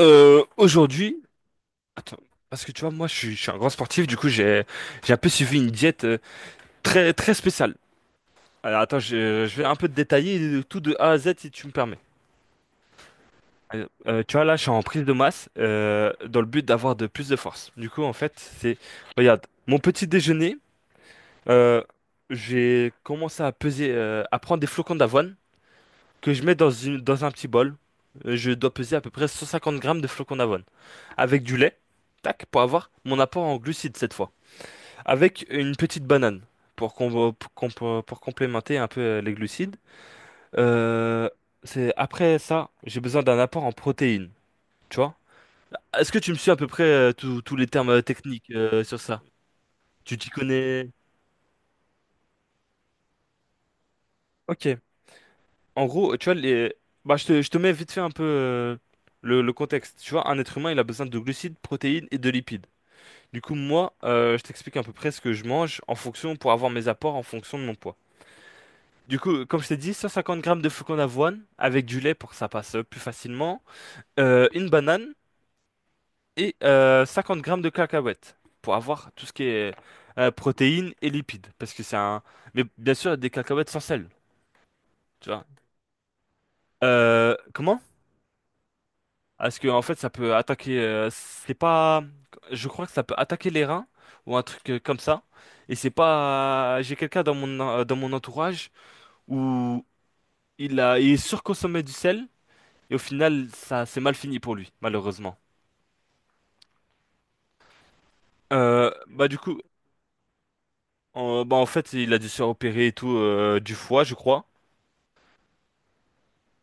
Aujourd'hui, attends, parce que tu vois, moi, je suis un grand sportif, du coup, j'ai un peu suivi une diète très, très spéciale. Alors, attends, je vais un peu te détailler tout de A à Z si tu me permets. Tu vois, là, je suis en prise de masse dans le but d'avoir de plus de force. Du coup, en fait, c'est, regarde, mon petit déjeuner, euh, j'ai commencé à peser, à prendre des flocons d'avoine . Que je mets dans un petit bol. Je dois peser à peu près 150 grammes de flocons d'avoine, avec du lait, tac, pour avoir mon apport en glucides cette fois. Avec une petite banane pour, pour complémenter un peu les glucides. Euh, Après ça, j'ai besoin d'un apport en protéines, tu vois? Est-ce que tu me suis à peu près tous les termes techniques sur ça? Tu t'y connais? Ok. En gros, tu vois, les… bah, je te mets vite fait un peu le contexte. Tu vois, un être humain, il a besoin de glucides, protéines et de lipides. Du coup, moi, je t'explique à peu près ce que je mange en fonction, pour avoir mes apports en fonction de mon poids. Du coup, comme je t'ai dit, 150 grammes de flocons d'avoine avec du lait pour que ça passe plus facilement, une banane et 50 grammes de cacahuètes pour avoir tout ce qui est protéines et lipides. Parce que c'est un… Mais bien sûr, des cacahuètes sans sel, tu vois. Comment? Parce que en fait ça peut attaquer c'est pas je crois que ça peut attaquer les reins ou un truc comme ça. Et c'est pas j'ai quelqu'un dans mon entourage où il surconsommait du sel, et au final ça c'est mal fini pour lui malheureusement. Bah du coup bah en fait il a dû se faire opérer et tout du foie je crois.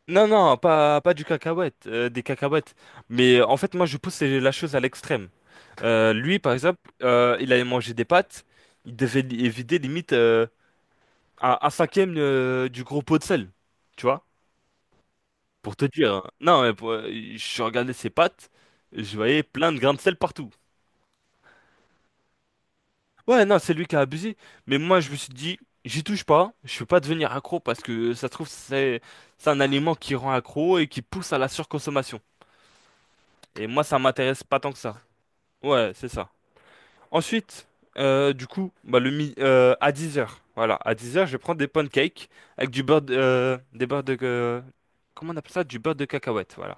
Non, non, pas du cacahuète, des cacahuètes. Mais en fait, moi, je pousse la chose à l'extrême. Lui, par exemple, il allait manger des pâtes, il devait vider limite 1/5 du gros pot de sel, tu vois, pour te dire, hein. Non, mais pour- Je regardais ses pâtes, je voyais plein de grains de sel partout. Ouais, non, c'est lui qui a abusé. Mais moi, je me suis dit, j'y touche pas, je peux pas devenir accro, parce que ça se trouve, c'est un aliment qui rend accro et qui pousse à la surconsommation. Et moi, ça m'intéresse pas tant que ça. Ouais, c'est ça. Ensuite, du coup, bah, à 10h. Voilà, à 10h, je prends des pancakes avec des beurres de comment on appelle ça? Du beurre de cacahuète, voilà.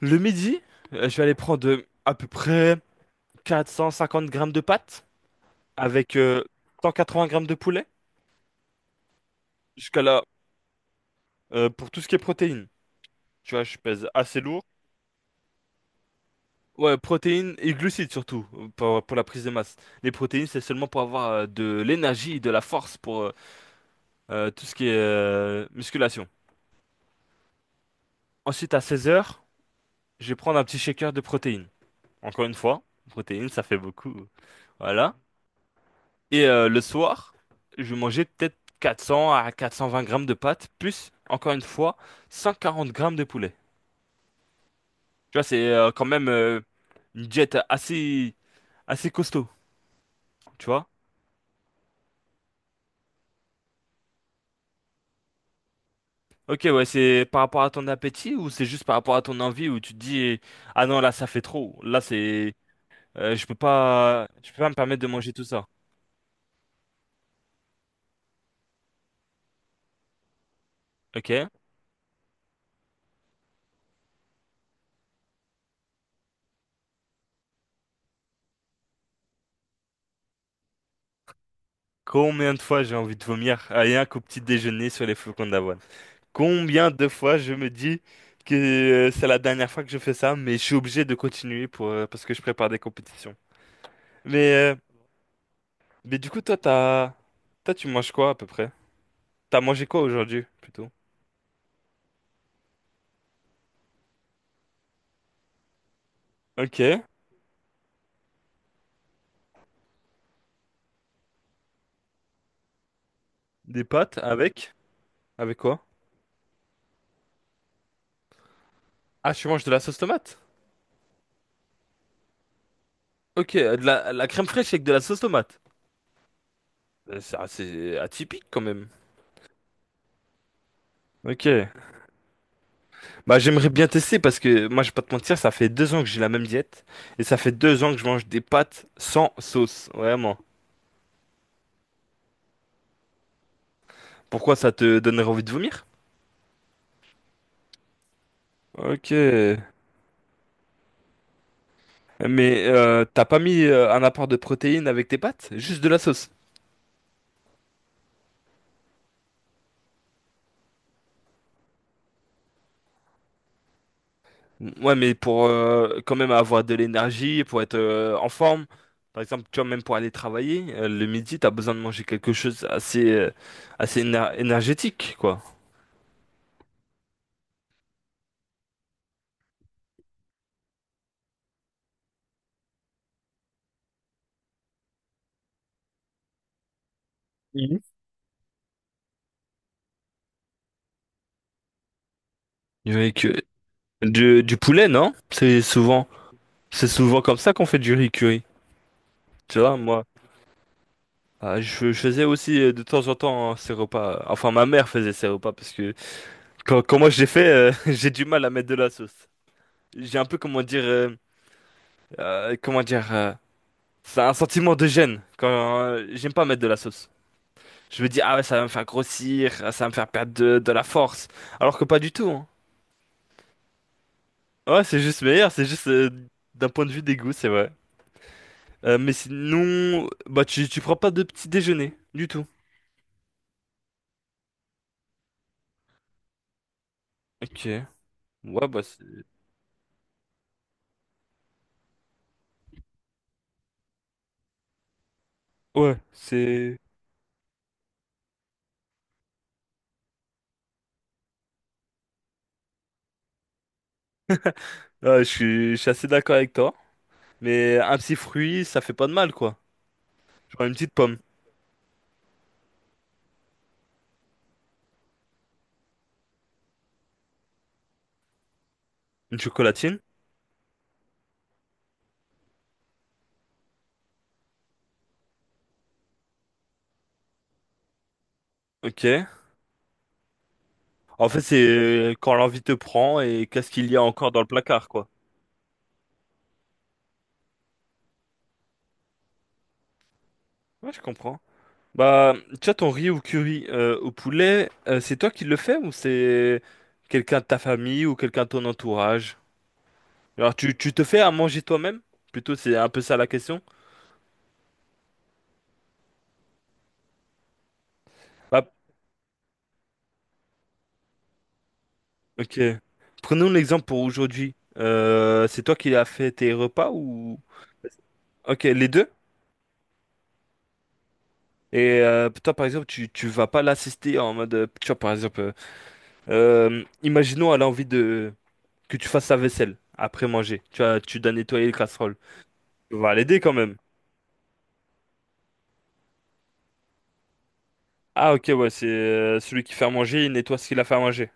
Le midi, je vais aller prendre à peu près 450 grammes de pâtes avec 180 grammes de poulet. Jusqu'à là, pour tout ce qui est protéines. Tu vois, je pèse assez lourd. Ouais, protéines et glucides surtout, pour la prise de masse. Les protéines, c'est seulement pour avoir de l'énergie, de la force pour tout ce qui est musculation. Ensuite, à 16h, je vais prendre un petit shaker de protéines. Encore une fois, protéines, ça fait beaucoup. Voilà. Et le soir, je vais manger peut-être 400 à 420 grammes de pâtes, plus, encore une fois, 140 grammes de poulet. Tu vois, c'est quand même une diète assez costaud, tu vois. Ok, ouais, c'est par rapport à ton appétit ou c'est juste par rapport à ton envie où tu te dis, ah non, là, ça fait trop. Là, c'est… je peux pas me permettre de manger tout ça. Ok. Combien de fois j'ai envie de vomir rien qu'au petit déjeuner sur les flocons d'avoine? Combien de fois je me dis que c'est la dernière fois que je fais ça, mais je suis obligé de continuer pour parce que je prépare des compétitions. Mais euh, mais du coup, toi tu manges quoi à peu près? T'as mangé quoi aujourd'hui plutôt? Ok. Des pâtes avec… avec quoi? Ah tu manges de la sauce tomate? Ok, de la crème fraîche avec de la sauce tomate. C'est assez atypique quand même. Ok. Bah, j'aimerais bien tester, parce que moi, je vais pas te mentir, ça fait 2 ans que j'ai la même diète et ça fait 2 ans que je mange des pâtes sans sauce, vraiment. Pourquoi ça te donnerait envie de vomir? Ok. Mais t'as pas mis un apport de protéines avec tes pâtes? Juste de la sauce. Ouais, mais pour quand même avoir de l'énergie, pour être en forme, par exemple, tu vois, même pour aller travailler, le midi, t'as besoin de manger quelque chose assez énergétique, quoi. Mhm. Avec du poulet, non? C'est souvent. C'est souvent comme ça qu'on fait du riz curry. Tu vois, moi, je faisais aussi de temps en temps ces repas. Enfin, ma mère faisait ces repas parce que quand moi je les fais, j'ai du mal à mettre de la sauce. J'ai un peu, comment dire, c'est un sentiment de gêne quand j'aime pas mettre de la sauce. Je me dis, ah ouais, ça va me faire grossir, ah, ça va me faire perdre de la force. Alors que pas du tout, hein. Ouais, c'est juste meilleur, c'est juste d'un point de vue des goûts c'est vrai. Mais sinon, bah tu prends pas de petit déjeuner, du tout. Ok. Ouais, bah, c'est- ouais, c'est. Ah, je suis… je suis assez d'accord avec toi. Mais un petit fruit, ça fait pas de mal, quoi. Genre une petite pomme, une chocolatine. Ok. En fait, c'est quand l'envie te prend et qu'est-ce qu'il y a encore dans le placard, quoi. Ouais, je comprends. Bah, tu vois, ton riz au curry au poulet, c'est toi qui le fais ou c'est quelqu'un de ta famille ou quelqu'un de ton entourage? Alors, tu te fais à manger toi-même? Plutôt, c'est un peu ça la question. Bah, Ok. Prenons l'exemple pour aujourd'hui. C'est toi qui as fait tes repas ou… Ok, les deux? Et toi, par exemple, tu vas pas l'assister en mode… Tu vois, par exemple, imaginons elle a envie de… que tu fasses sa vaisselle après manger. Tu vas, tu dois nettoyer les casseroles. Tu vas l'aider quand même. Ah, ok, ouais, c'est celui qui fait à manger, il nettoie ce qu'il a fait à manger.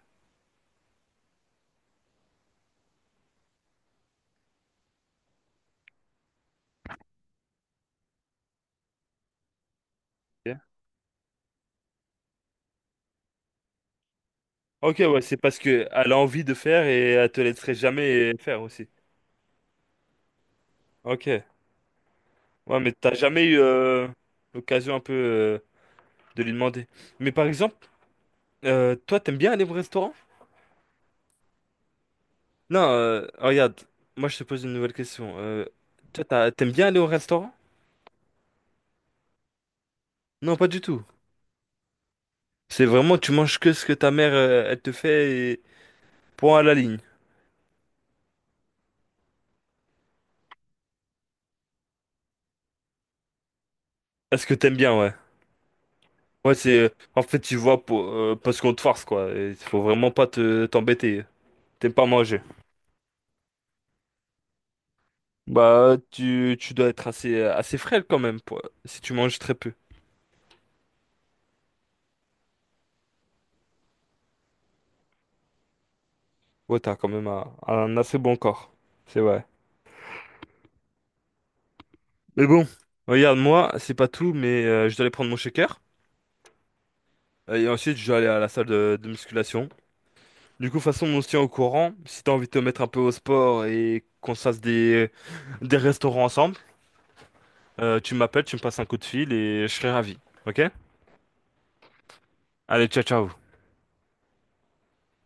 Ok. Ok, ouais, c'est parce que elle a envie de faire et elle te laisserait jamais faire aussi. Ok. Ouais, mais t'as jamais eu l'occasion un peu… de lui demander. Mais par exemple, toi, t'aimes bien aller au restaurant? Non, regarde, moi je te pose une nouvelle question. Toi, t'aimes bien aller au restaurant? Non, pas du tout. C'est vraiment, tu manges que ce que ta mère, elle te fait et point à la ligne. Est-ce que t'aimes bien, ouais? Ouais, c'est, en fait, tu vois, pour, parce qu'on te force, quoi. Il faut vraiment pas t'embêter. T'aimes pas manger. Bah, tu dois être assez frêle quand même, si tu manges très peu. Ouais, t'as quand même un assez bon corps. C'est vrai. Mais bon, regarde, moi, c'est pas tout, mais je dois aller prendre mon shaker. Et ensuite, je dois aller à la salle de musculation. Du coup, de toute façon, on se tient au courant. Si t'as envie de te mettre un peu au sport et qu'on se fasse des restaurants ensemble, tu m'appelles, tu me passes un coup de fil et je serai ravi. Ok? Allez, ciao, ciao.